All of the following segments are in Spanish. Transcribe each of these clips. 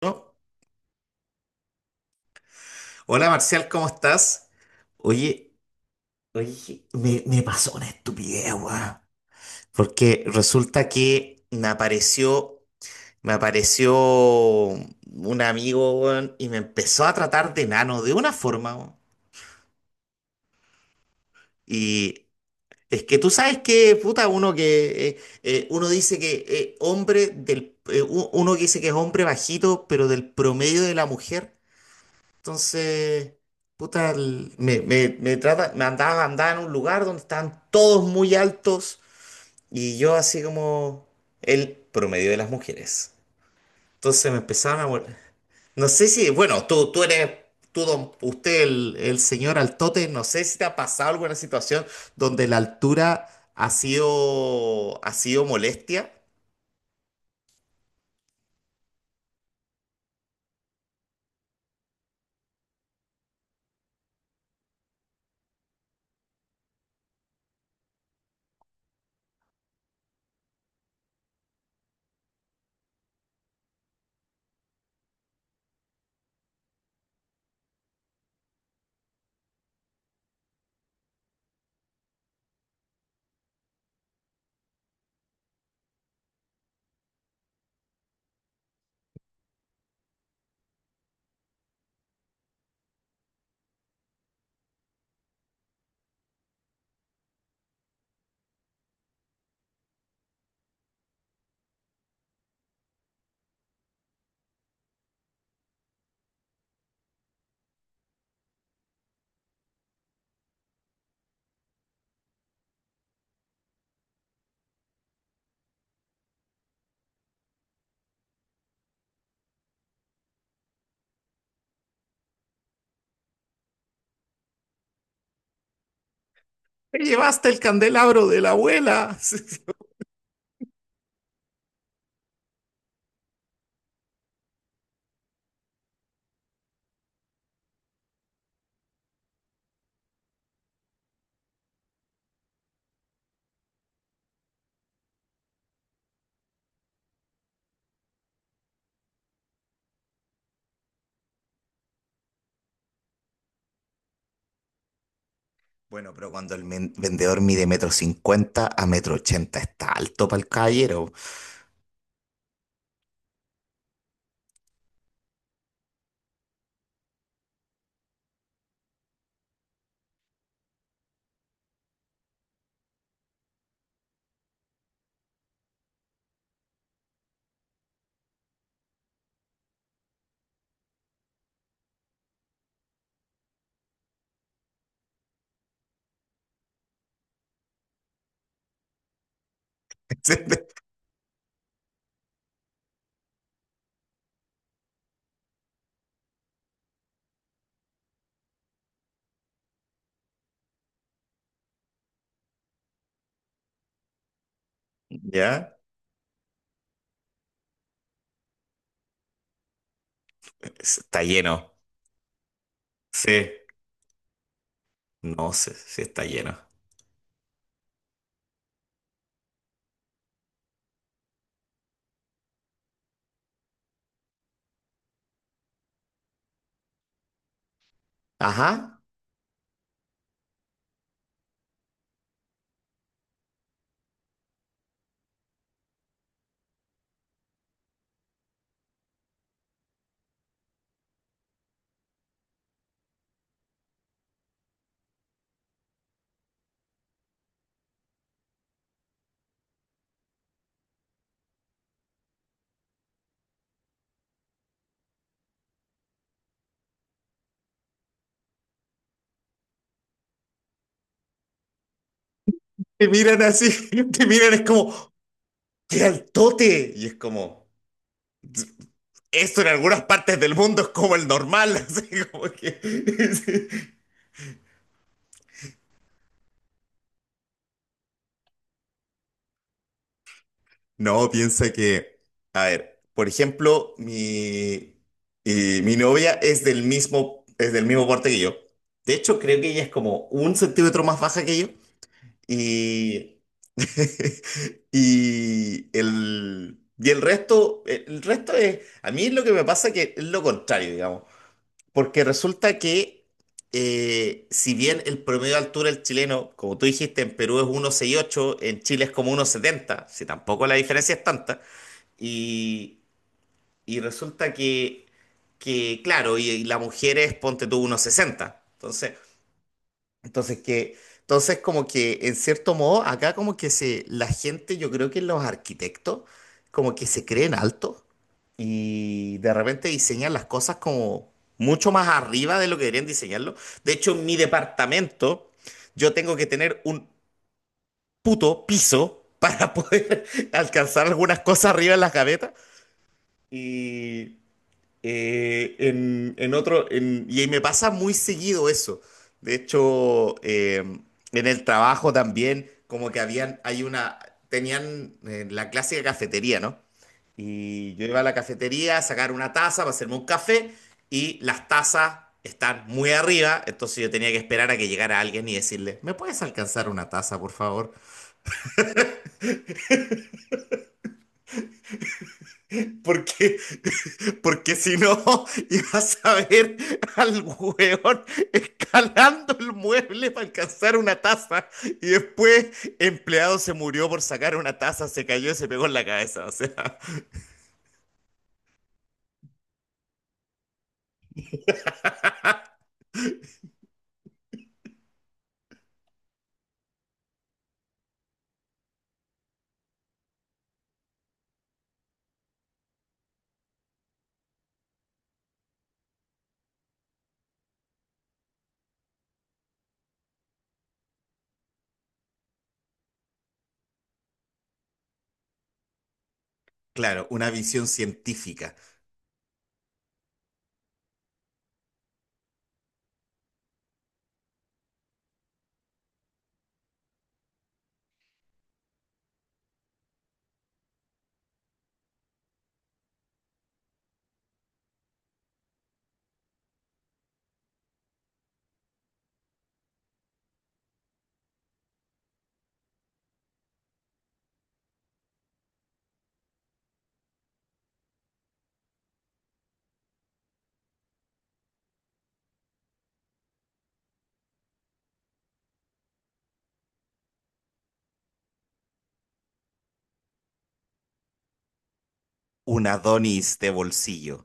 ¿No? Hola, Marcial, ¿cómo estás? Oye, oye, me pasó una estupidez, weón. Porque resulta que me apareció un amigo, weón, y me empezó a tratar de nano de una forma, weón. Y es que tú sabes que, puta, uno dice que hombre uno que dice que es hombre bajito, pero del promedio de la mujer. Entonces, puta, el- me trata, me andaba, andaba en un lugar donde estaban todos muy altos, y yo así como el promedio de las mujeres. Entonces me empezaron a... vol- no sé si, bueno, tú eres, tú, don- usted, el señor Altote, no sé si te ha pasado alguna situación donde la altura ha sido molestia. Te llevaste el candelabro de la abuela. Bueno, pero cuando vendedor mide 1,50 m a 1,80 m, está alto para el caballero. ¿Ya? Está lleno. Sí. No sé si está lleno. Ajá. Te miran así, te miran, es como, ¡qué altote! Y es como, esto en algunas partes del mundo es como el normal, así como que. No, piensa que, a ver, por ejemplo, y mi novia es del mismo porte que yo. De hecho, creo que ella es como 1 centímetro más baja que yo. Y, a mí lo que me pasa que es lo contrario, digamos. Porque resulta que, si bien el promedio de altura del chileno, como tú dijiste, en Perú es 1,68, en Chile es como 1,70, si tampoco la diferencia es tanta, y, y resulta que, claro, y la mujer es, ponte tú, unos sesenta. Entonces como que en cierto modo, acá como que la gente, yo creo que los arquitectos, como que se creen altos y de repente diseñan las cosas como mucho más arriba de lo que deberían diseñarlo. De hecho, en mi departamento, yo tengo que tener un puto piso para poder alcanzar algunas cosas arriba en las gavetas. Y, y me pasa muy seguido eso. De hecho, en el trabajo también, como que tenían la clásica cafetería, ¿no? Y yo iba a la cafetería a sacar una taza para hacerme un café, y las tazas están muy arriba, entonces yo tenía que esperar a que llegara alguien y decirle, ¿me puedes alcanzar una taza, por favor? Porque porque si no, ibas a ver al hueón escalando el mueble para alcanzar una taza. Y después, empleado se murió por sacar una taza, se cayó y se pegó en la cabeza. O sea, claro, una visión científica. Un Adonis de bolsillo.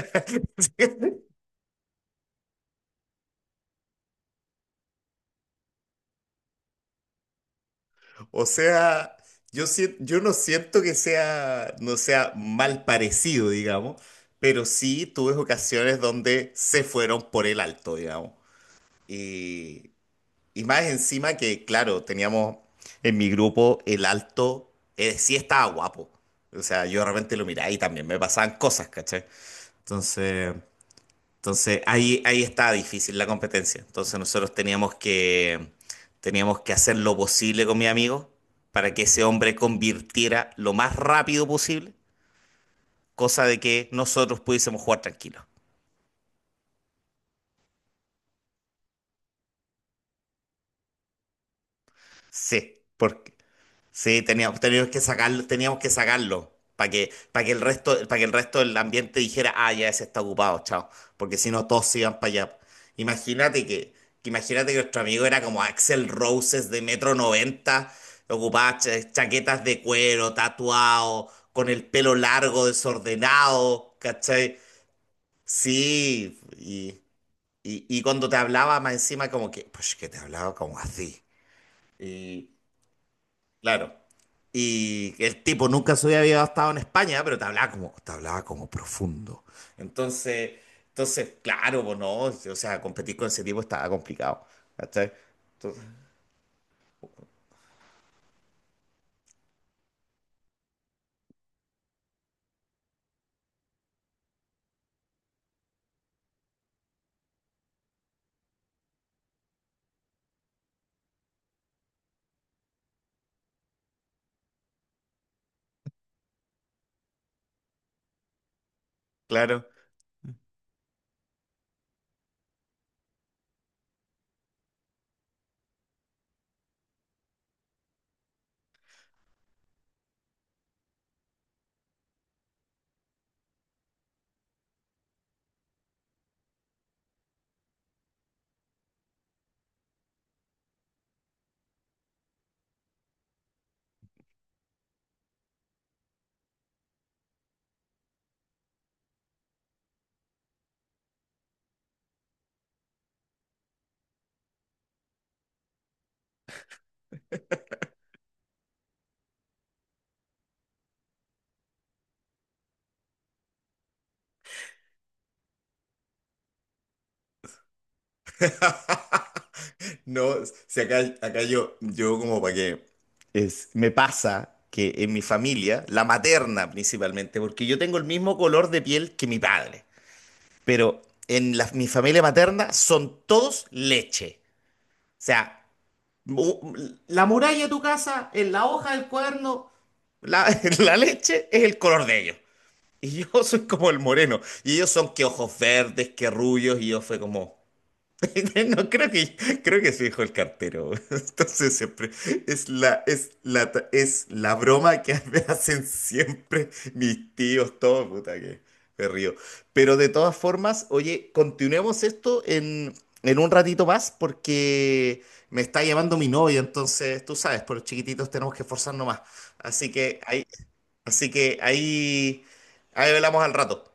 O sea, yo no siento que sea, no sea mal parecido, digamos, pero sí tuve ocasiones donde se fueron por el alto, digamos. Y, y más encima que, claro, teníamos en mi grupo el alto, sí estaba guapo. O sea, yo de repente lo miraba y también me pasaban cosas, ¿cachai? Entonces, entonces ahí, ahí estaba difícil la competencia. Entonces nosotros teníamos que hacer lo posible con mi amigo para que ese hombre convirtiera lo más rápido posible, cosa de que nosotros pudiésemos jugar tranquilos. Sí, por- Sí, teníamos que sacarlo para que el resto del ambiente dijera, ah, ya ese está ocupado, chao. Porque si no, todos se iban para allá. Imagínate que, imagínate que nuestro amigo era como Axel Roses de 1,90 m, ocupaba chaquetas de cuero, tatuado, con el pelo largo, desordenado, ¿cachai? Sí, y cuando te hablaba más encima como que, pues que te hablaba como así. Y, Claro. Y el tipo nunca se había estado en España, pero te hablaba como profundo. Entonces, claro, pues no, o sea, competir con ese tipo estaba complicado. ¿Cachai? Entonces, claro. No, si acá yo, yo como para que es, me pasa que en mi familia, la materna principalmente, porque yo tengo el mismo color de piel que mi padre, pero mi familia materna son todos leche. O sea, mu- la muralla de tu casa, en la hoja del cuaderno, la, la leche es el color de ellos. Y yo soy como el moreno. Y ellos son que ojos verdes, que rubios. Y yo fue como, no, creo que se dijo el cartero. Entonces siempre es la broma que me hacen siempre mis tíos, todo, puta que me río. Pero de todas formas, oye, continuemos esto en un ratito más, porque me está llamando mi novia, entonces tú sabes, por los chiquititos tenemos que esforzarnos más. Así que ahí, así que ahí, ahí hablamos al rato.